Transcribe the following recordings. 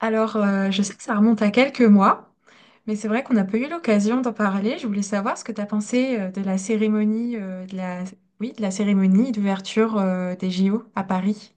Alors, je sais que ça remonte à quelques mois, mais c'est vrai qu'on n'a pas eu l'occasion d'en parler. Je voulais savoir ce que tu as pensé de la cérémonie, Oui, de la cérémonie d'ouverture des JO à Paris.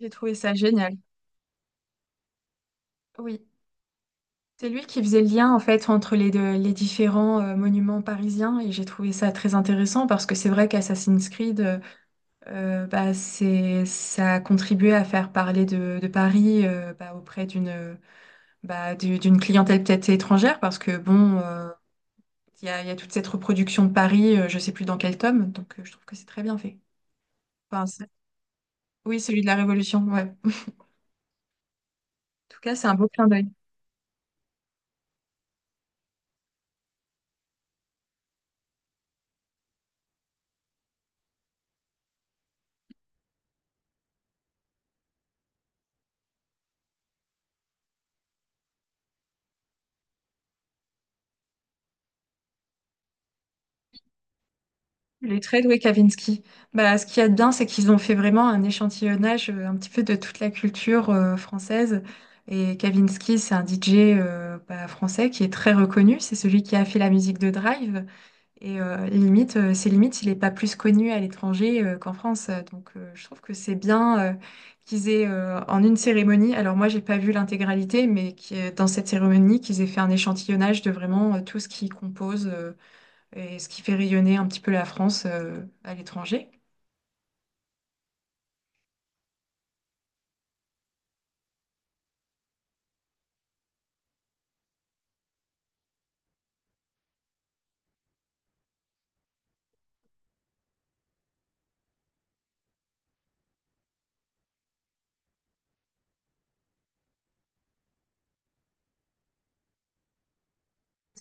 J'ai trouvé ça génial. Oui, c'est lui qui faisait le lien en fait entre les différents monuments parisiens et j'ai trouvé ça très intéressant parce que c'est vrai qu'Assassin's Creed, ça a contribué à faire parler de Paris auprès d'une clientèle peut-être étrangère parce que il y a toute cette reproduction de Paris, je sais plus dans quel tome, je trouve que c'est très bien fait. Enfin, c'est- oui, celui de la Révolution, ouais. En tout cas, c'est un beau clin d'œil. Il est très doué, Kavinsky. Bah, ce qu'il y a de bien, c'est qu'ils ont fait vraiment un échantillonnage un petit peu de toute la culture française. Et Kavinsky, c'est un DJ français qui est très reconnu. C'est celui qui a fait la musique de Drive. C'est limite, il n'est pas plus connu à l'étranger qu'en France. Donc, je trouve que c'est bien qu'ils aient, en une cérémonie. Alors moi, j'ai pas vu l'intégralité, mais dans cette cérémonie, qu'ils aient fait un échantillonnage de vraiment tout ce qui compose et ce qui fait rayonner un petit peu la France à l'étranger.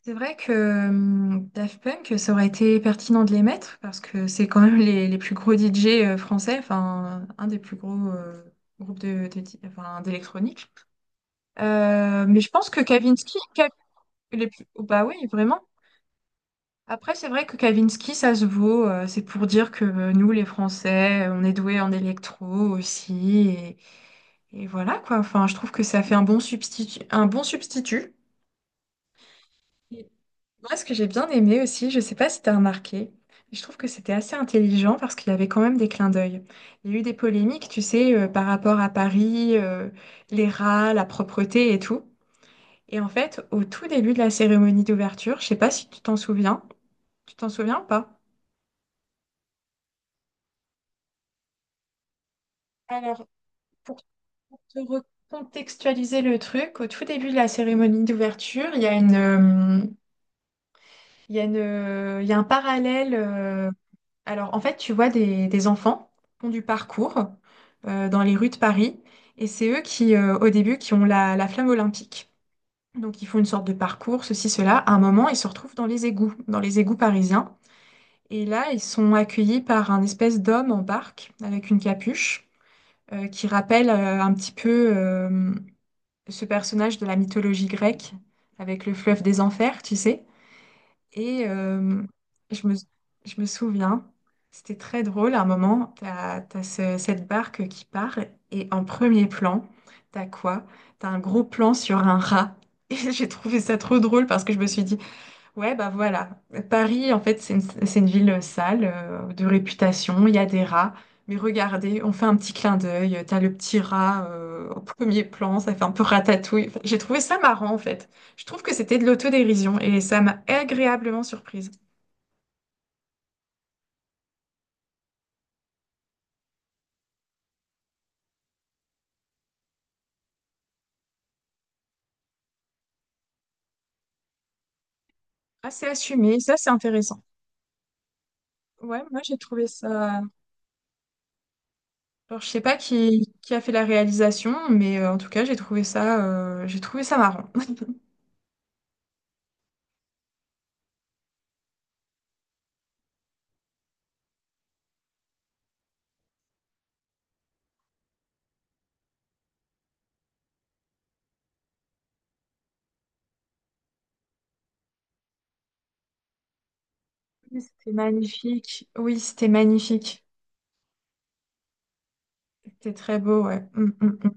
C'est vrai que Daft Punk, ça aurait été pertinent de les mettre parce que c'est quand même les plus gros DJ français, enfin, un des plus gros groupes enfin, d'électronique. Mais je pense que les plus- oh, bah oui, vraiment. Après, c'est vrai que Kavinsky, ça se vaut. C'est pour dire que nous, les Français, on est doués en électro aussi. Et voilà, quoi. Enfin, je trouve que ça fait un bon substitut. Un bon substitut. Et Moi, ce que j'ai bien aimé aussi, je sais pas si tu as remarqué, mais je trouve que c'était assez intelligent parce qu'il y avait quand même des clins d'œil. Il y a eu des polémiques, tu sais, par rapport à Paris, les rats, la propreté et tout. Et en fait, au tout début de la cérémonie d'ouverture, je sais pas si tu t'en souviens, tu t'en souviens ou pas? Alors, pour Pour te recontextualiser le truc, au tout début de la cérémonie d'ouverture, il y a une, il y a une, il y a un parallèle. Alors, en fait, tu vois des enfants qui font du parcours dans les rues de Paris, et c'est eux qui, au début, qui ont la flamme olympique. Donc, ils font une sorte de parcours, ceci, cela. À un moment, ils se retrouvent dans les égouts parisiens. Et là, ils sont accueillis par un espèce d'homme en barque avec une capuche qui rappelle un petit peu ce personnage de la mythologie grecque avec le fleuve des enfers, tu sais. Et euh, je me, je me souviens, c'était très drôle. À un moment, cette barque qui part et en premier plan, t'as quoi? T'as un gros plan sur un rat. Et j'ai trouvé ça trop drôle parce que je me suis dit, ouais, bah voilà. Paris, en fait, c'est une ville sale, de réputation, il y a des rats. Mais regardez, on fait un petit clin d'œil, t'as le petit rat au premier plan, ça fait un peu ratatouille. Enfin, j'ai trouvé ça marrant, en fait. Je trouve que c'était de l'autodérision et ça m'a agréablement surprise. Assez assumé, ça c'est intéressant. Ouais, moi j'ai trouvé ça... Alors, je sais pas qui a fait la réalisation, mais en tout cas, j'ai trouvé ça marrant. Oui, c'était magnifique. Oui, c'était magnifique. C'était très beau, ouais. Mm.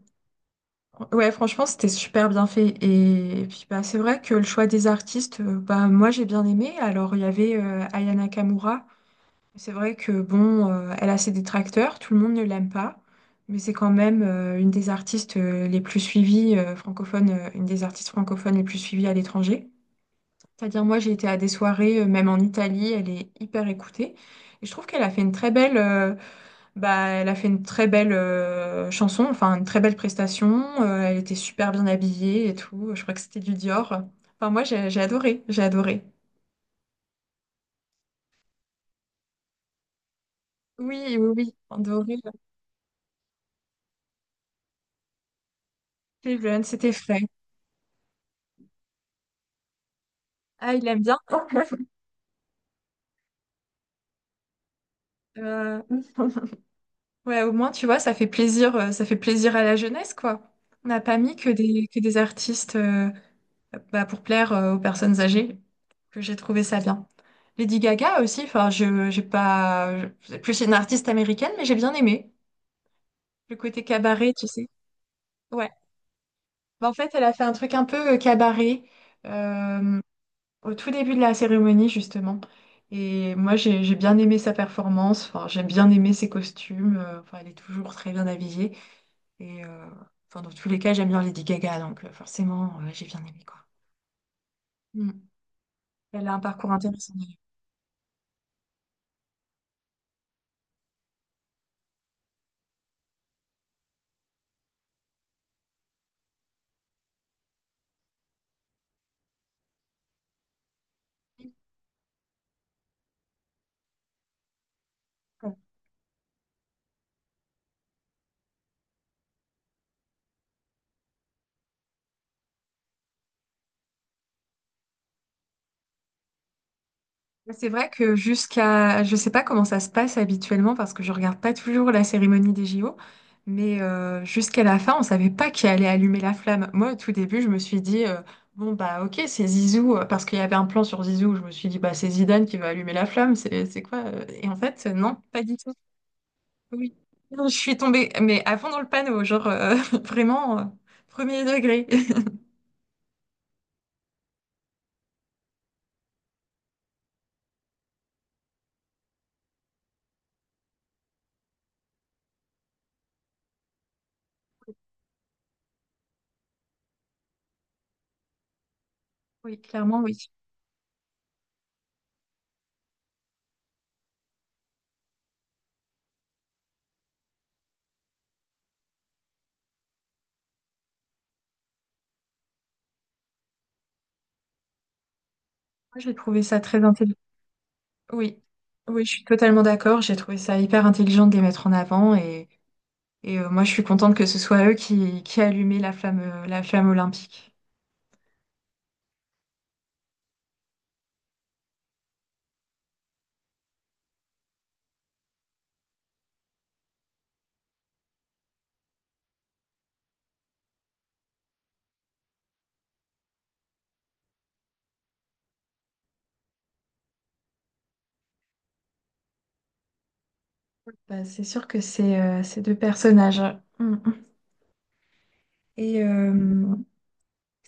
Ouais, franchement, c'était super bien fait. C'est vrai que le choix des artistes, moi, j'ai bien aimé. Alors, il y avait Aya Nakamura. C'est vrai que, bon, elle a ses détracteurs, tout le monde ne l'aime pas. Mais c'est quand même une des artistes les plus suivies francophones, une des artistes francophones les plus suivies à l'étranger. C'est-à-dire, moi, j'ai été à des soirées, même en Italie, elle est hyper écoutée. Et je trouve qu'elle a fait une très belle, bah, Elle a fait une très belle chanson, enfin une très belle prestation. Elle était super bien habillée et tout. Je crois que c'était du Dior. Enfin, moi, j'ai adoré, j'ai adoré. Oui, oui, oui, adoré. C'était jeune, c'était frais. Ah, il aime bien. Euh, Ouais, au moins, tu vois, ça fait plaisir à la jeunesse, quoi. On n'a pas mis que des artistes pour plaire aux personnes âgées, que j'ai trouvé ça bien. Lady Gaga aussi, enfin, je, j'ai pas, je- c'est plus une artiste américaine, mais j'ai bien aimé. Le côté cabaret, tu sais. Ouais. Bah, en fait, elle a fait un truc un peu cabaret euh, au tout début de la cérémonie, justement. Et moi, j'ai bien aimé sa performance. Enfin, j'ai bien aimé ses costumes. Enfin, elle est toujours très bien habillée. Et euh, enfin, dans tous les cas, j'aime bien Lady Gaga. Donc, forcément, j'ai bien aimé, quoi. Mm. Elle a un parcours intéressant. C'est vrai que jusqu'à, je sais pas comment ça se passe habituellement parce que je regarde pas toujours la cérémonie des JO, mais jusqu'à la fin, on savait pas qui allait allumer la flamme. Moi, au tout début, je me suis dit bon bah ok, c'est Zizou parce qu'il y avait un plan sur Zizou. Je me suis dit bah c'est Zidane qui va allumer la flamme, c'est quoi? Et en fait, non, pas du tout. Oui, non, je suis tombée, mais à fond dans le panneau, vraiment premier degré. Oui, clairement, oui. Moi, j'ai trouvé ça très intelligent. Oui, oui, je suis totalement d'accord. J'ai trouvé ça hyper intelligent de les mettre en avant et, moi je suis contente que ce soit eux qui allumaient la flamme olympique. Bah, c'est sûr que c'est ces deux personnages. Mm. Et euh,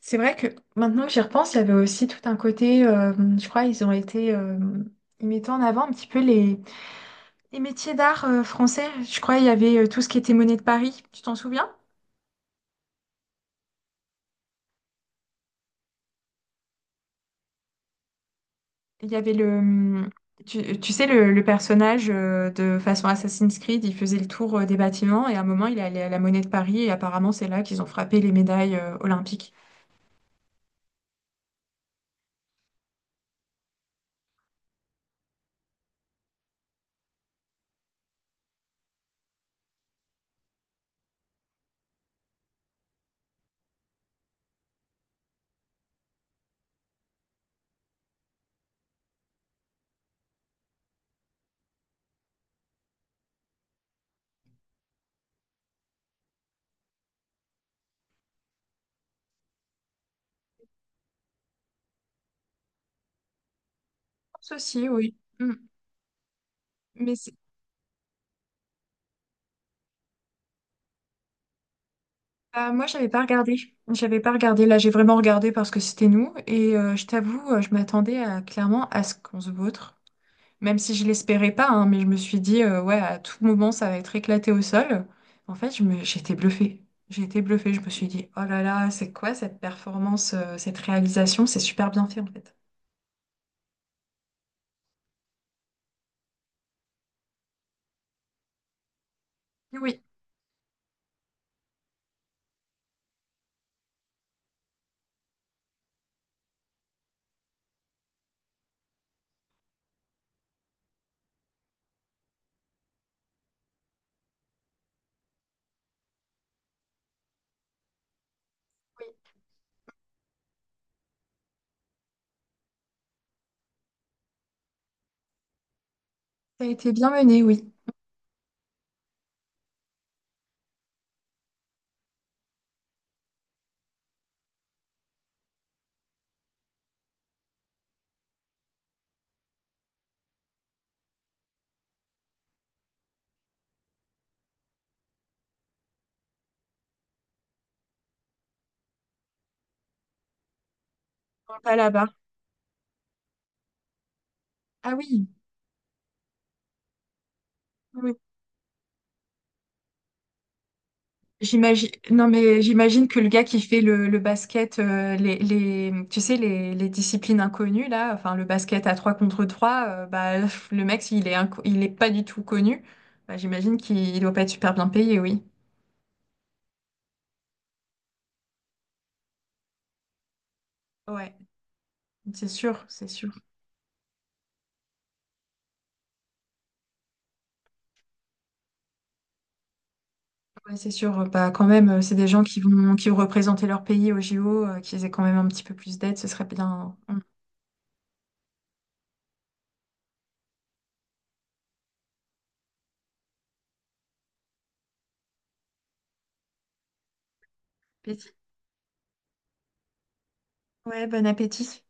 c'est vrai que maintenant que j'y repense, il y avait aussi tout un côté, je crois, ils ont été, ils mettaient en avant un petit peu les métiers d'art français. Je crois il y avait tout ce qui était monnaie de Paris, tu t'en souviens? Il y avait le... Tu sais, le personnage de façon Assassin's Creed, il faisait le tour des bâtiments et à un moment, il est allé à la Monnaie de Paris et apparemment, c'est là qu'ils ont frappé les médailles olympiques. Ceci, oui. Mm. Mais c'est- Bah, moi, j'avais pas regardé. J'avais pas regardé. Là, j'ai vraiment regardé parce que c'était nous. Je t'avoue, je m'attendais à, clairement à ce qu'on se vautre. Même si je l'espérais pas, hein, mais je me suis dit, ouais, à tout moment, ça va être éclaté au sol. En fait, je me... j'ai été bluffée. J'ai été bluffée. Je me suis dit, oh là là, c'est quoi cette performance, cette réalisation? C'est super bien fait, en fait. Oui, oui, ça a été bien mené, oui. Pas là-bas. Ah oui, oui. Oui. J'imagine, non mais j'imagine que le gars qui fait le basket, tu sais, les disciplines inconnues là, enfin le basket à 3 contre 3, bah, pff, le mec, il est pas du tout connu, bah, j'imagine qu'il doit pas être super bien payé, oui. Ouais, c'est sûr, c'est sûr. Ouais, c'est sûr, bah quand même, c'est des gens qui vont représenter leur pays au JO, qu'ils aient quand même un petit peu plus d'aide, ce serait bien. Bon appétit. Ouais, bon appétit.